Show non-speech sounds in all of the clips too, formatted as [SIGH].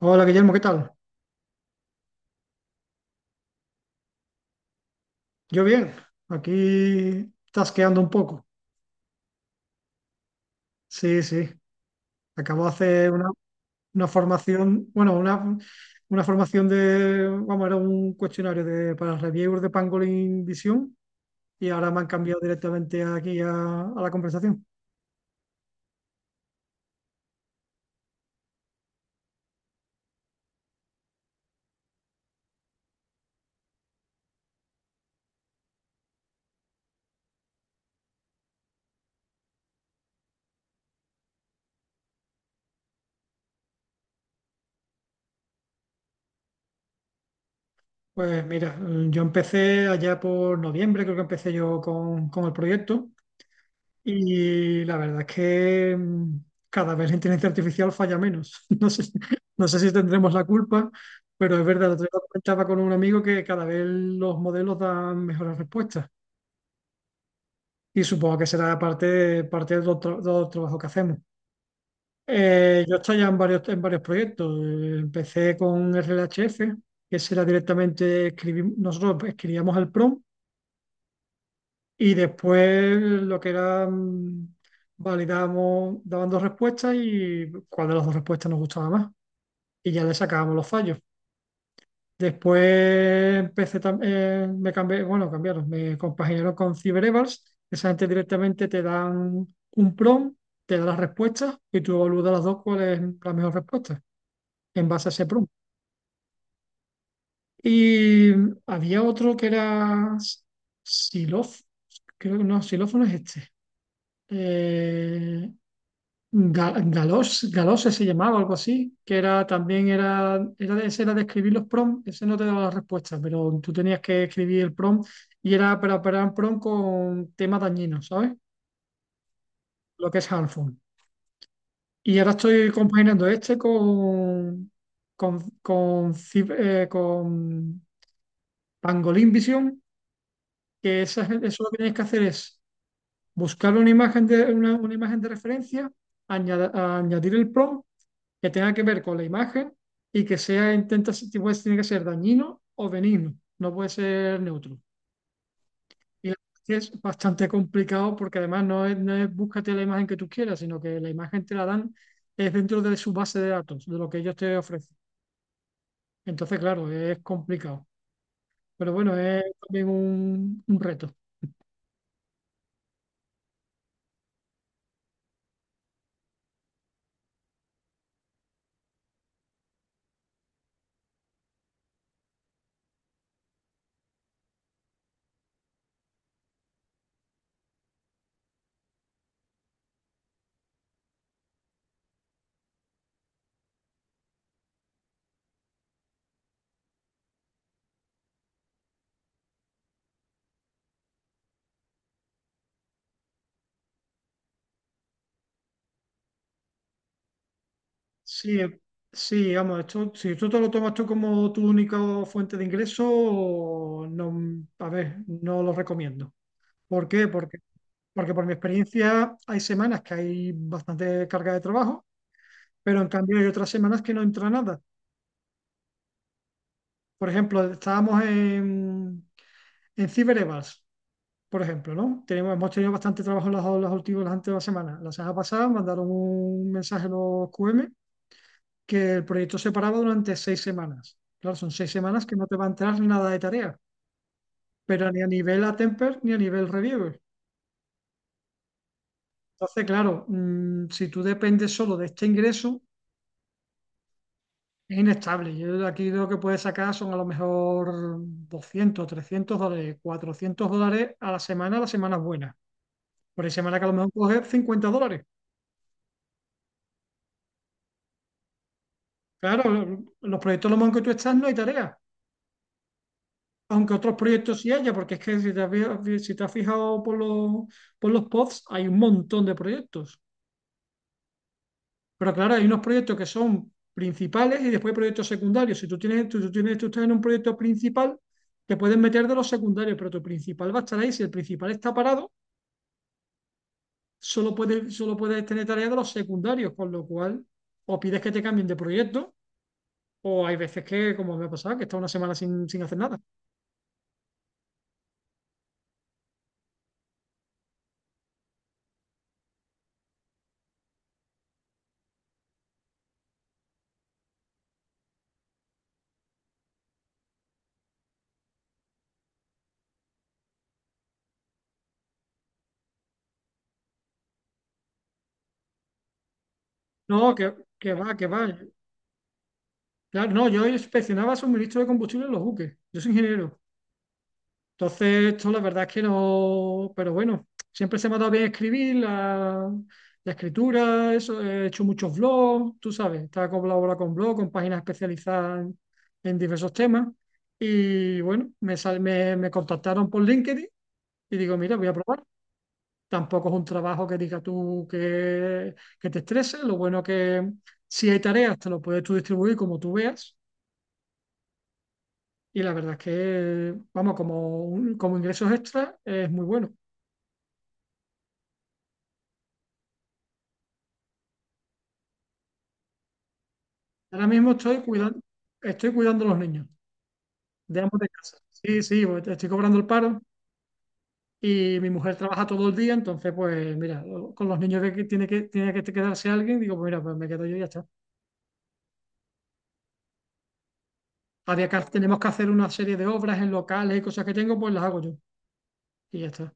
Hola Guillermo, ¿qué tal? Yo bien, aquí tasqueando un poco. Sí, sí. Acabo de hacer una formación, bueno, una formación de, vamos, era un cuestionario de, para reviewers de Pangolin Visión y ahora me han cambiado directamente aquí a la conversación. Pues mira, yo empecé allá por noviembre, creo que empecé yo con el proyecto. Y la verdad es que cada vez la inteligencia artificial falla menos. [LAUGHS] No sé, no sé si tendremos la culpa, pero es verdad, el otro día lo comentaba con un amigo que cada vez los modelos dan mejores respuestas. Y supongo que será parte, parte del otro, del trabajo que hacemos. Yo estoy ya en varios proyectos. Empecé con RLHF, que será directamente escribir, nosotros escribíamos el prompt. Y después lo que era, validamos, daban dos respuestas y cuál de las dos respuestas nos gustaba más. Y ya le sacábamos los fallos. Después empecé también, me cambié, bueno, cambiaron, me compaginaron con CyberEvals. Esa gente directamente te dan un prompt, te da las respuestas y tú evalúas las dos cuál es la mejor respuesta en base a ese prompt. Y había otro que era Silof, creo que no, Silófono es este. Eh, Galos, Galose se llamaba, algo así, que era también era, era de, ese era de escribir los prompts, ese no te daba la respuesta, pero tú tenías que escribir el prompt y era para operar un prompt con temas dañinos, ¿sabes? Lo que es harmful. Y ahora estoy compaginando este con con Pangolin Vision, que eso lo que tienes que hacer es buscar una imagen de referencia, añadir el prompt que tenga que ver con la imagen y que sea, intenta, pues, tiene que ser dañino o benigno, no puede ser neutro. Y la verdad es que es bastante complicado porque además no es, no es búscate la imagen que tú quieras, sino que la imagen te la dan, es dentro de su base de datos, de lo que ellos te ofrecen. Entonces, claro, es complicado. Pero bueno, es también un reto. Sí, sí, vamos, esto, si tú te lo tomas tú como tu única fuente de ingreso, no, a ver, no lo recomiendo. ¿Por qué? Porque por mi experiencia hay semanas que hay bastante carga de trabajo, pero en cambio hay otras semanas que no entra nada. Por ejemplo, estábamos en CyberEvals, por ejemplo, ¿no? Tenemos, hemos tenido bastante trabajo las últimas, las anteriores semanas. La semana pasada mandaron un mensaje a los QM que el proyecto se paraba durante 6 semanas. Claro, son 6 semanas que no te va a entrar nada de tarea, pero ni a nivel Atemper ni a nivel Reviewer. Entonces, claro, si tú dependes solo de este ingreso. Es inestable. Yo de aquí lo que puedes sacar son a lo mejor $200 $300, $400 a la semana, a las semanas buenas. Por ahí semana que a lo mejor coges $50. Claro, los proyectos los que tú estás no hay tarea. Aunque otros proyectos sí haya, porque es que si te has, si te has fijado por los pods, hay un montón de proyectos. Pero claro, hay unos proyectos que son principales y después hay proyectos secundarios. Si tú estás en un proyecto principal, te puedes meter de los secundarios, pero tu principal va a estar ahí. Si el principal está parado, solo puedes tener tareas de los secundarios, con lo cual o pides que te cambien de proyecto, o hay veces que, como me ha pasado, que está una semana sin, sin hacer nada. No, que va, que va. Claro, no, yo inspeccionaba suministro de combustible en los buques. Yo soy ingeniero. Entonces, esto la verdad es que no, pero bueno, siempre se me ha dado bien escribir, la escritura, eso, he hecho muchos blogs, tú sabes, estaba colaborando con blogs, con páginas especializadas en diversos temas. Y bueno, me contactaron por LinkedIn y digo, mira, voy a probar. Tampoco es un trabajo que diga tú que te estrese, lo bueno que si hay tareas, te lo puedes tú distribuir como tú veas. Y la verdad es que, vamos, como, como ingresos extra es muy bueno. Ahora mismo estoy cuidando a los niños de ambos de casa. Sí, sí, pues, estoy cobrando el paro y mi mujer trabaja todo el día, entonces, pues mira, con los niños que tiene que, tiene que quedarse alguien, digo, pues mira, pues me quedo yo y ya está. Había que, tenemos que hacer una serie de obras en locales y cosas que tengo, pues las hago yo y ya está.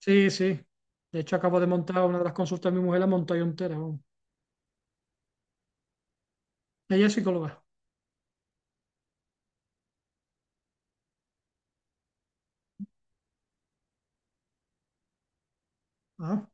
Sí, sí. De hecho, acabo de montar una de las consultas de mi mujer, la monté yo entera. Vamos. Ella es psicóloga. Ajá.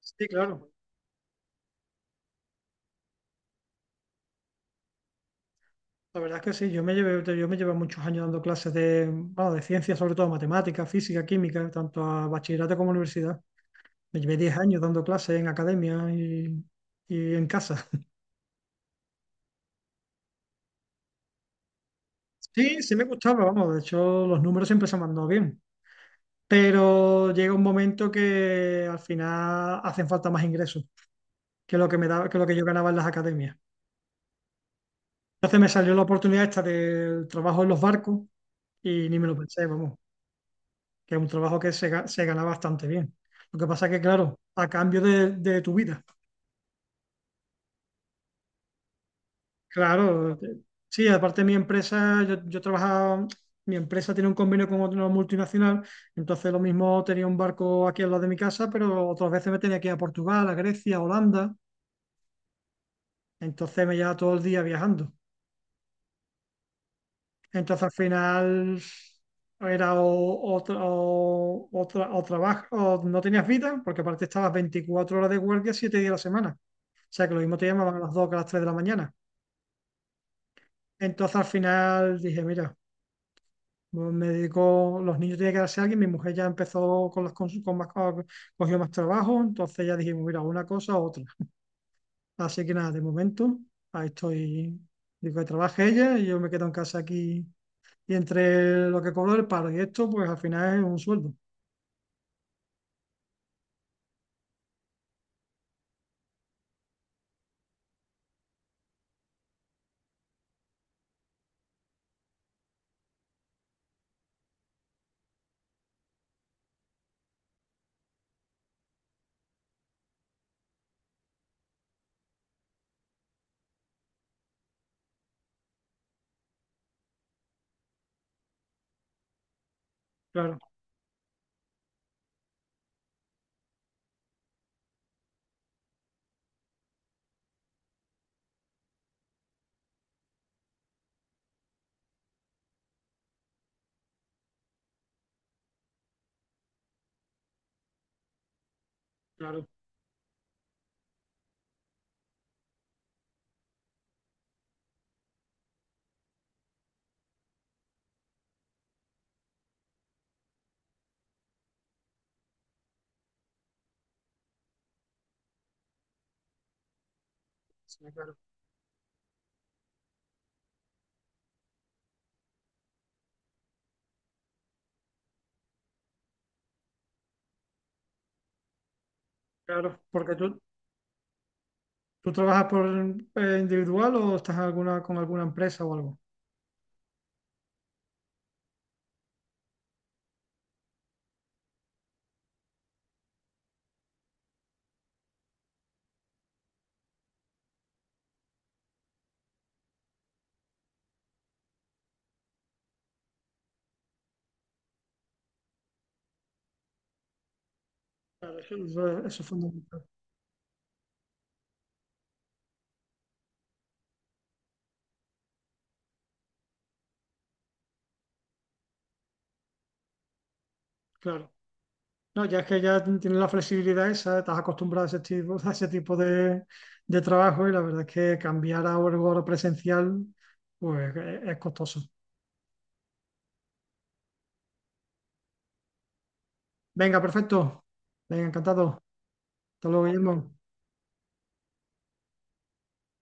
Sí, claro. La verdad es que sí, yo me llevé muchos años dando clases de, bueno, de ciencias, sobre todo matemáticas, física, química, tanto a bachillerato como a universidad. Me llevé 10 años dando clases en academia y en casa. Sí, sí me gustaba, vamos, de hecho los números siempre se me han dado bien, pero llega un momento que al final hacen falta más ingresos que lo que me daba, que lo que yo ganaba en las academias. Entonces me salió la oportunidad esta del trabajo en los barcos y ni me lo pensé, vamos, que es un trabajo que se gana bastante bien. Lo que pasa que, claro, a cambio de tu vida. Claro, sí, aparte mi empresa, yo trabajaba, mi empresa tiene un convenio con otra multinacional, entonces lo mismo tenía un barco aquí al lado de mi casa, pero otras veces me tenía que ir a Portugal, a Grecia, a Holanda, entonces me llevaba todo el día viajando. Entonces al final era o trabajo, o no tenías vida, porque aparte estabas 24 horas de guardia, 7 días a la semana. O sea que lo mismo te llamaban a las 2, que a las 3 de la mañana. Entonces al final dije, mira, pues me dedico, los niños tienen que darse a alguien, mi mujer ya empezó con con más, cogió más trabajo, entonces ya dijimos, mira, una cosa u otra. Así que nada, de momento, ahí estoy, digo que trabaje ella y yo me quedo en casa aquí. Y entre lo que cobro del paro y esto, pues al final es un sueldo. Claro, claro, sí, claro, claro. Porque tú trabajas por individual o estás en alguna, con alguna empresa o algo. Claro, eso, eso es fundamental. Claro. No, ya es que ya tienes la flexibilidad esa, estás acostumbrado a ese tipo de trabajo y la verdad es que cambiar a algo ahora presencial, pues es costoso. Venga, perfecto. Venga, encantado. Hasta luego, Guillermo.